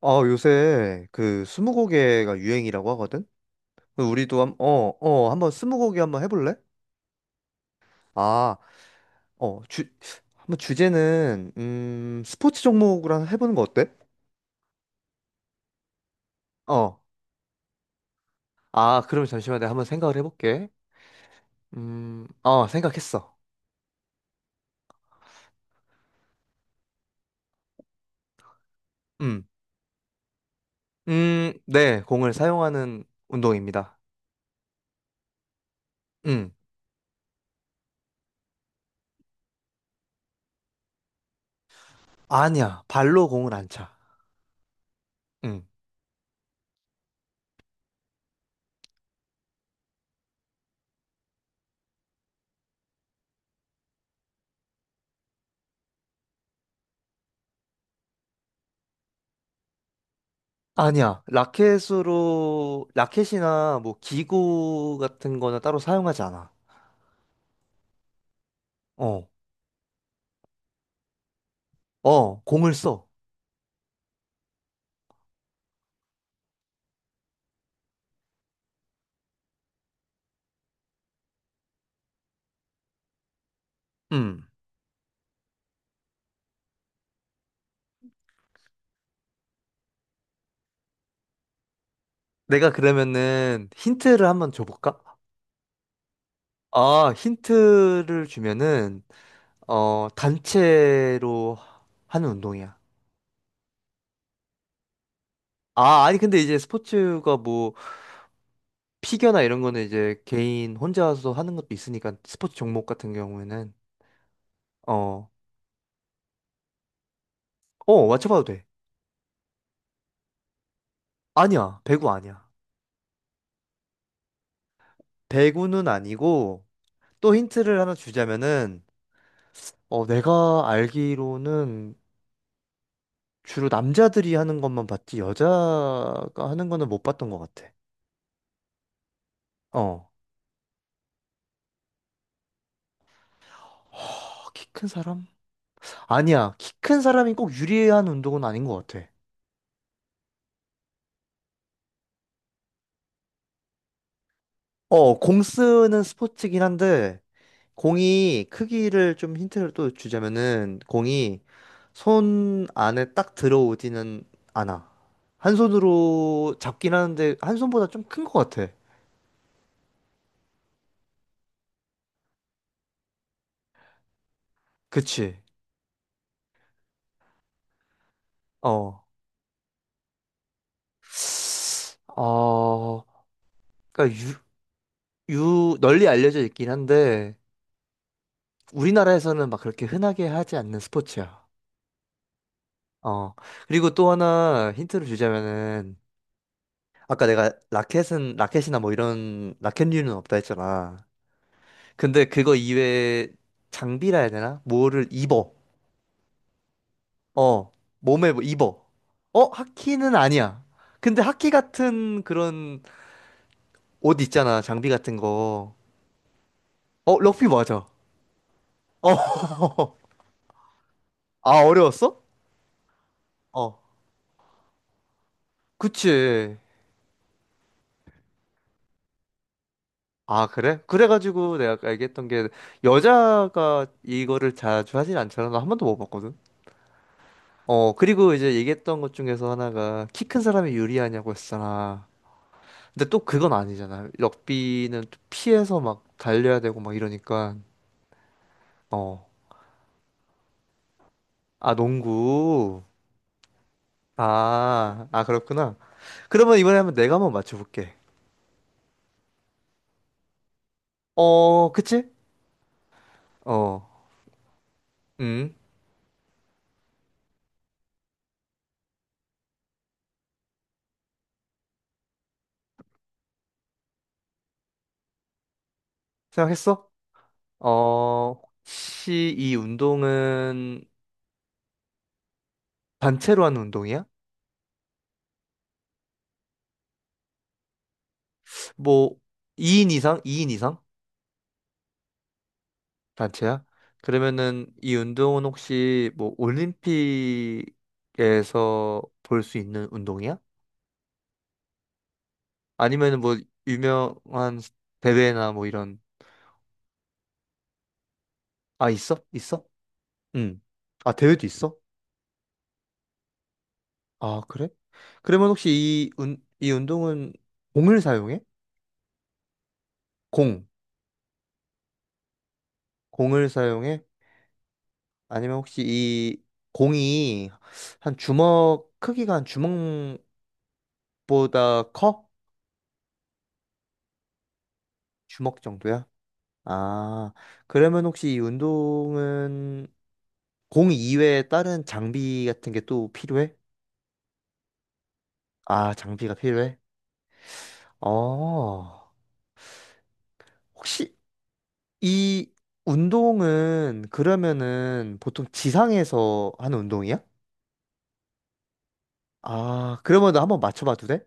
아, 요새 그 스무고개가 유행이라고 하거든? 그럼 우리도 한번 스무고개 한번 해볼래? 아, 어, 주, 한번 주제는, 스포츠 종목으로 한번 해보는 거 어때? 어. 아, 그러면 잠시만 내가 한번 생각을 해볼게. 생각했어. 음, 네, 공을 사용하는 운동입니다. 음, 아니야, 발로 공을 안 차. 음, 아니야, 라켓이나 뭐 기구 같은 거는 따로 사용하지 않아. 어. 어, 공을 써. 음. 내가 그러면은 힌트를 한번 줘볼까? 아, 힌트를 주면은, 어, 단체로 하는 운동이야. 아니, 근데 이제 스포츠가 뭐, 피겨나 이런 거는 이제 개인 혼자서 하는 것도 있으니까, 스포츠 종목 같은 경우에는, 어, 어, 맞춰봐도 돼. 아니야, 배구 아니야. 배구는 아니고, 또 힌트를 하나 주자면은, 어, 내가 알기로는 주로 남자들이 하는 것만 봤지 여자가 하는 거는 못 봤던 것 같아. 어. 아, 키큰 사람? 아니야. 키 큰 사람이 꼭 유리한 운동은 아닌 것 같아. 어, 공 쓰는 스포츠긴 한데 공이 크기를 좀 힌트를 또 주자면은 공이 손 안에 딱 들어오지는 않아. 한 손으로 잡긴 하는데 한 손보다 좀 큰 것 같아. 그치? 어. 어, 그러니까 유, 유 널리 알려져 있긴 한데 우리나라에서는 막 그렇게 흔하게 하지 않는 스포츠야. 어. 그리고 또 하나 힌트를 주자면은 아까 내가 라켓은 라켓이나 뭐 이런 라켓류는 없다 했잖아. 근데 그거 이외에 장비라 해야 되나? 뭐를 입어. 어. 몸에 뭐 입어. 어, 하키는 아니야. 근데 하키 같은 그런 옷 있잖아. 장비 같은 거. 어, 럭비 맞아. 어. 아, 어려웠어? 어. 그치. 아, 그래? 그래가지고 내가 아까 얘기했던 게 여자가 이거를 자주 하진 않잖아. 나 한 번도 못 봤거든. 어, 그리고 이제 얘기했던 것 중에서 하나가 키 큰 사람이 유리하냐고 했잖아. 근데 또 그건 아니잖아. 럭비는 또 피해서 막 달려야 되고 막 이러니까. 어. 아, 농구. 아, 그렇구나. 그러면 이번에 한번 내가 한번 맞춰볼게. 어, 그치? 어, 음, 생각했어? 어, 혹시 이 운동은 단체로 하는 운동이야? 뭐 2인 이상? 이인 이상? 단체야? 그러면은 이 운동은 혹시 뭐 올림픽에서 볼 수 있는 운동이야? 아니면은 뭐 유명한 대회나 뭐 이런. 아 있어? 있어? 응. 아 대회도 있어? 아 그래? 그러면 혹시 이 운동은 공을 사용해? 공. 공을 사용해? 아니면 혹시 이 공이 한 주먹 크기가 한 주먹보다 커? 주먹 정도야? 아, 그러면 혹시 이 운동은 공 이외에 다른 장비 같은 게 또 필요해? 아, 장비가 필요해? 어, 혹시 이 운동은 그러면은 보통 지상에서 하는 운동이야? 아, 그러면 나 한번 맞춰봐도 돼?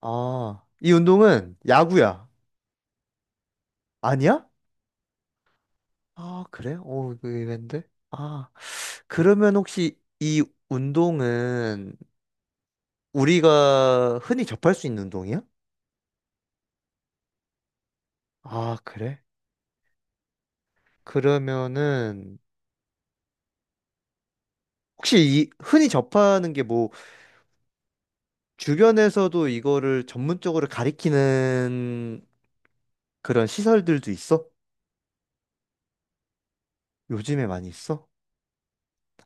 아, 이 운동은 야구야. 아니야? 아, 그래? 어, 이거 의외인데? 아, 그러면 혹시 이 운동은 우리가 흔히 접할 수 있는 운동이야? 아, 그래? 그러면은 혹시 이 흔히 접하는 게 뭐 주변에서도 이거를 전문적으로 가리키는 그런 시설들도 있어? 요즘에 많이 있어?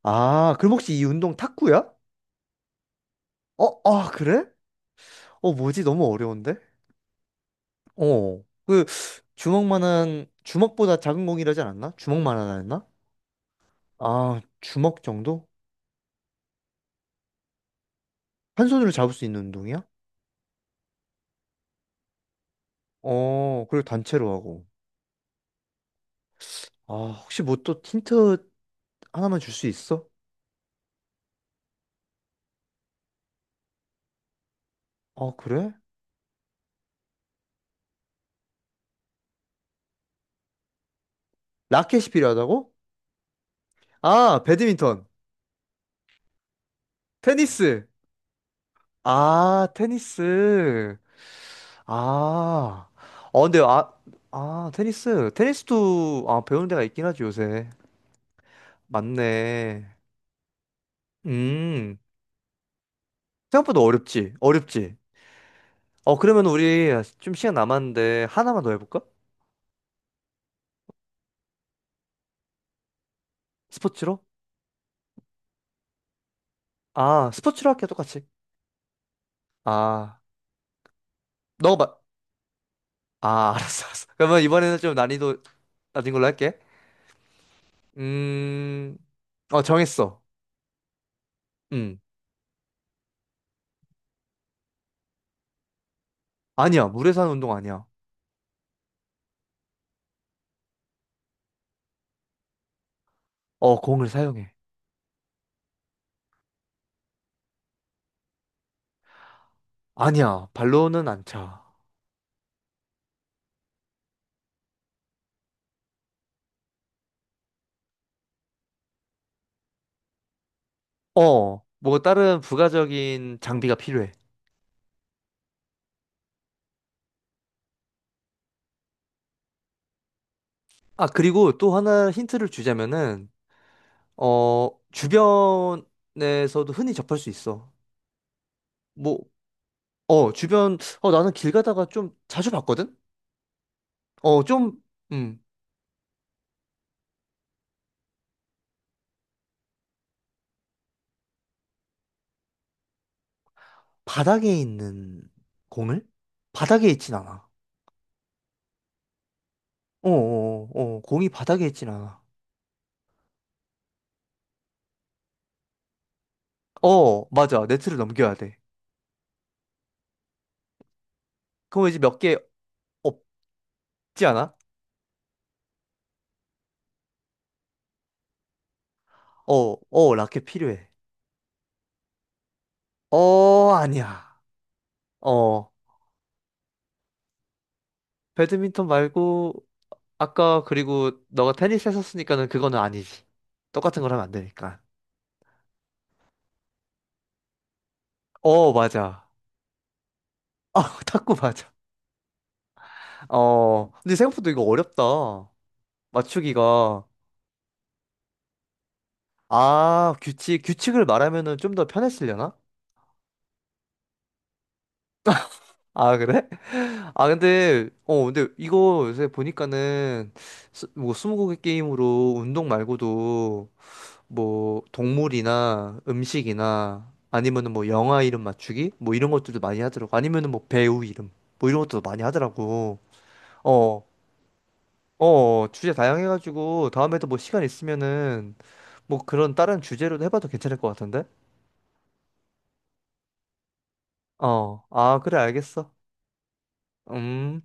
아, 그럼 혹시 이 운동 탁구야? 어, 아, 그래? 어, 뭐지? 너무 어려운데? 어, 그 주먹만한 주먹보다 작은 공이라지 않았나? 주먹만하다 했나? 아, 주먹 정도? 한 손으로 잡을 수 있는 운동이야? 어, 그리고 단체로 하고. 아, 혹시 뭐 또 힌트 하나만 줄 수 있어? 어 그래? 라켓이 필요하다고? 아, 배드민턴. 테니스. 아, 테니스. 아. 어, 근데, 아, 아, 테니스. 테니스도, 배우는 데가 있긴 하지, 요새. 맞네. 음. 생각보다 어렵지. 어렵지. 어, 그러면 우리 좀 시간 남았는데, 하나만 더 해볼까? 스포츠로? 아, 스포츠로 할게, 똑같이. 아, 너가, 마- 아, 알았어. 그러면 이번에는 좀 난이도 낮은 걸로 할게. 음, 정했어. 응. 아니야. 물에서 하는 운동 아니야. 어, 공을 사용해. 아니야. 발로는 안 차. 어, 뭐 다른 부가적인 장비가 필요해. 아, 그리고 또 하나 힌트를 주자면은, 어, 주변에서도 흔히 접할 수 있어. 뭐, 어, 주변, 어, 나는 길 가다가 좀 자주 봤거든? 어, 좀, 음, 바닥에 있는 공을? 바닥에 있진 않아. 공이 바닥에 있진 않아. 어, 맞아. 네트를 넘겨야 돼. 그럼 이제 몇 개, 있지 않아? 어, 어, 라켓 필요해. 어, 아니야. 어, 배드민턴 말고, 아까, 그리고, 너가 테니스 했었으니까는 그거는 아니지. 똑같은 걸 하면 안 되니까. 어, 맞아. 아, 탁구 맞아. 어, 근데 생각보다 이거 어렵다. 맞추기가. 아, 규칙을 말하면은 좀 더 편했으려나? 아, 그래? 아, 근데 이거 요새 보니까는, 스무고개 게임으로 운동 말고도 뭐 동물이나 음식이나 아니면은 뭐 영화 이름 맞추기 뭐 이런 것들도 많이 하더라고. 아니면은 뭐 배우 이름 뭐 이런 것도 많이 하더라고. 어, 어, 주제 다양해가지고 다음에도 뭐 시간 있으면은 뭐 그런 다른 주제로도 해봐도 괜찮을 것 같은데. 어, 아, 그래, 알겠어. 음.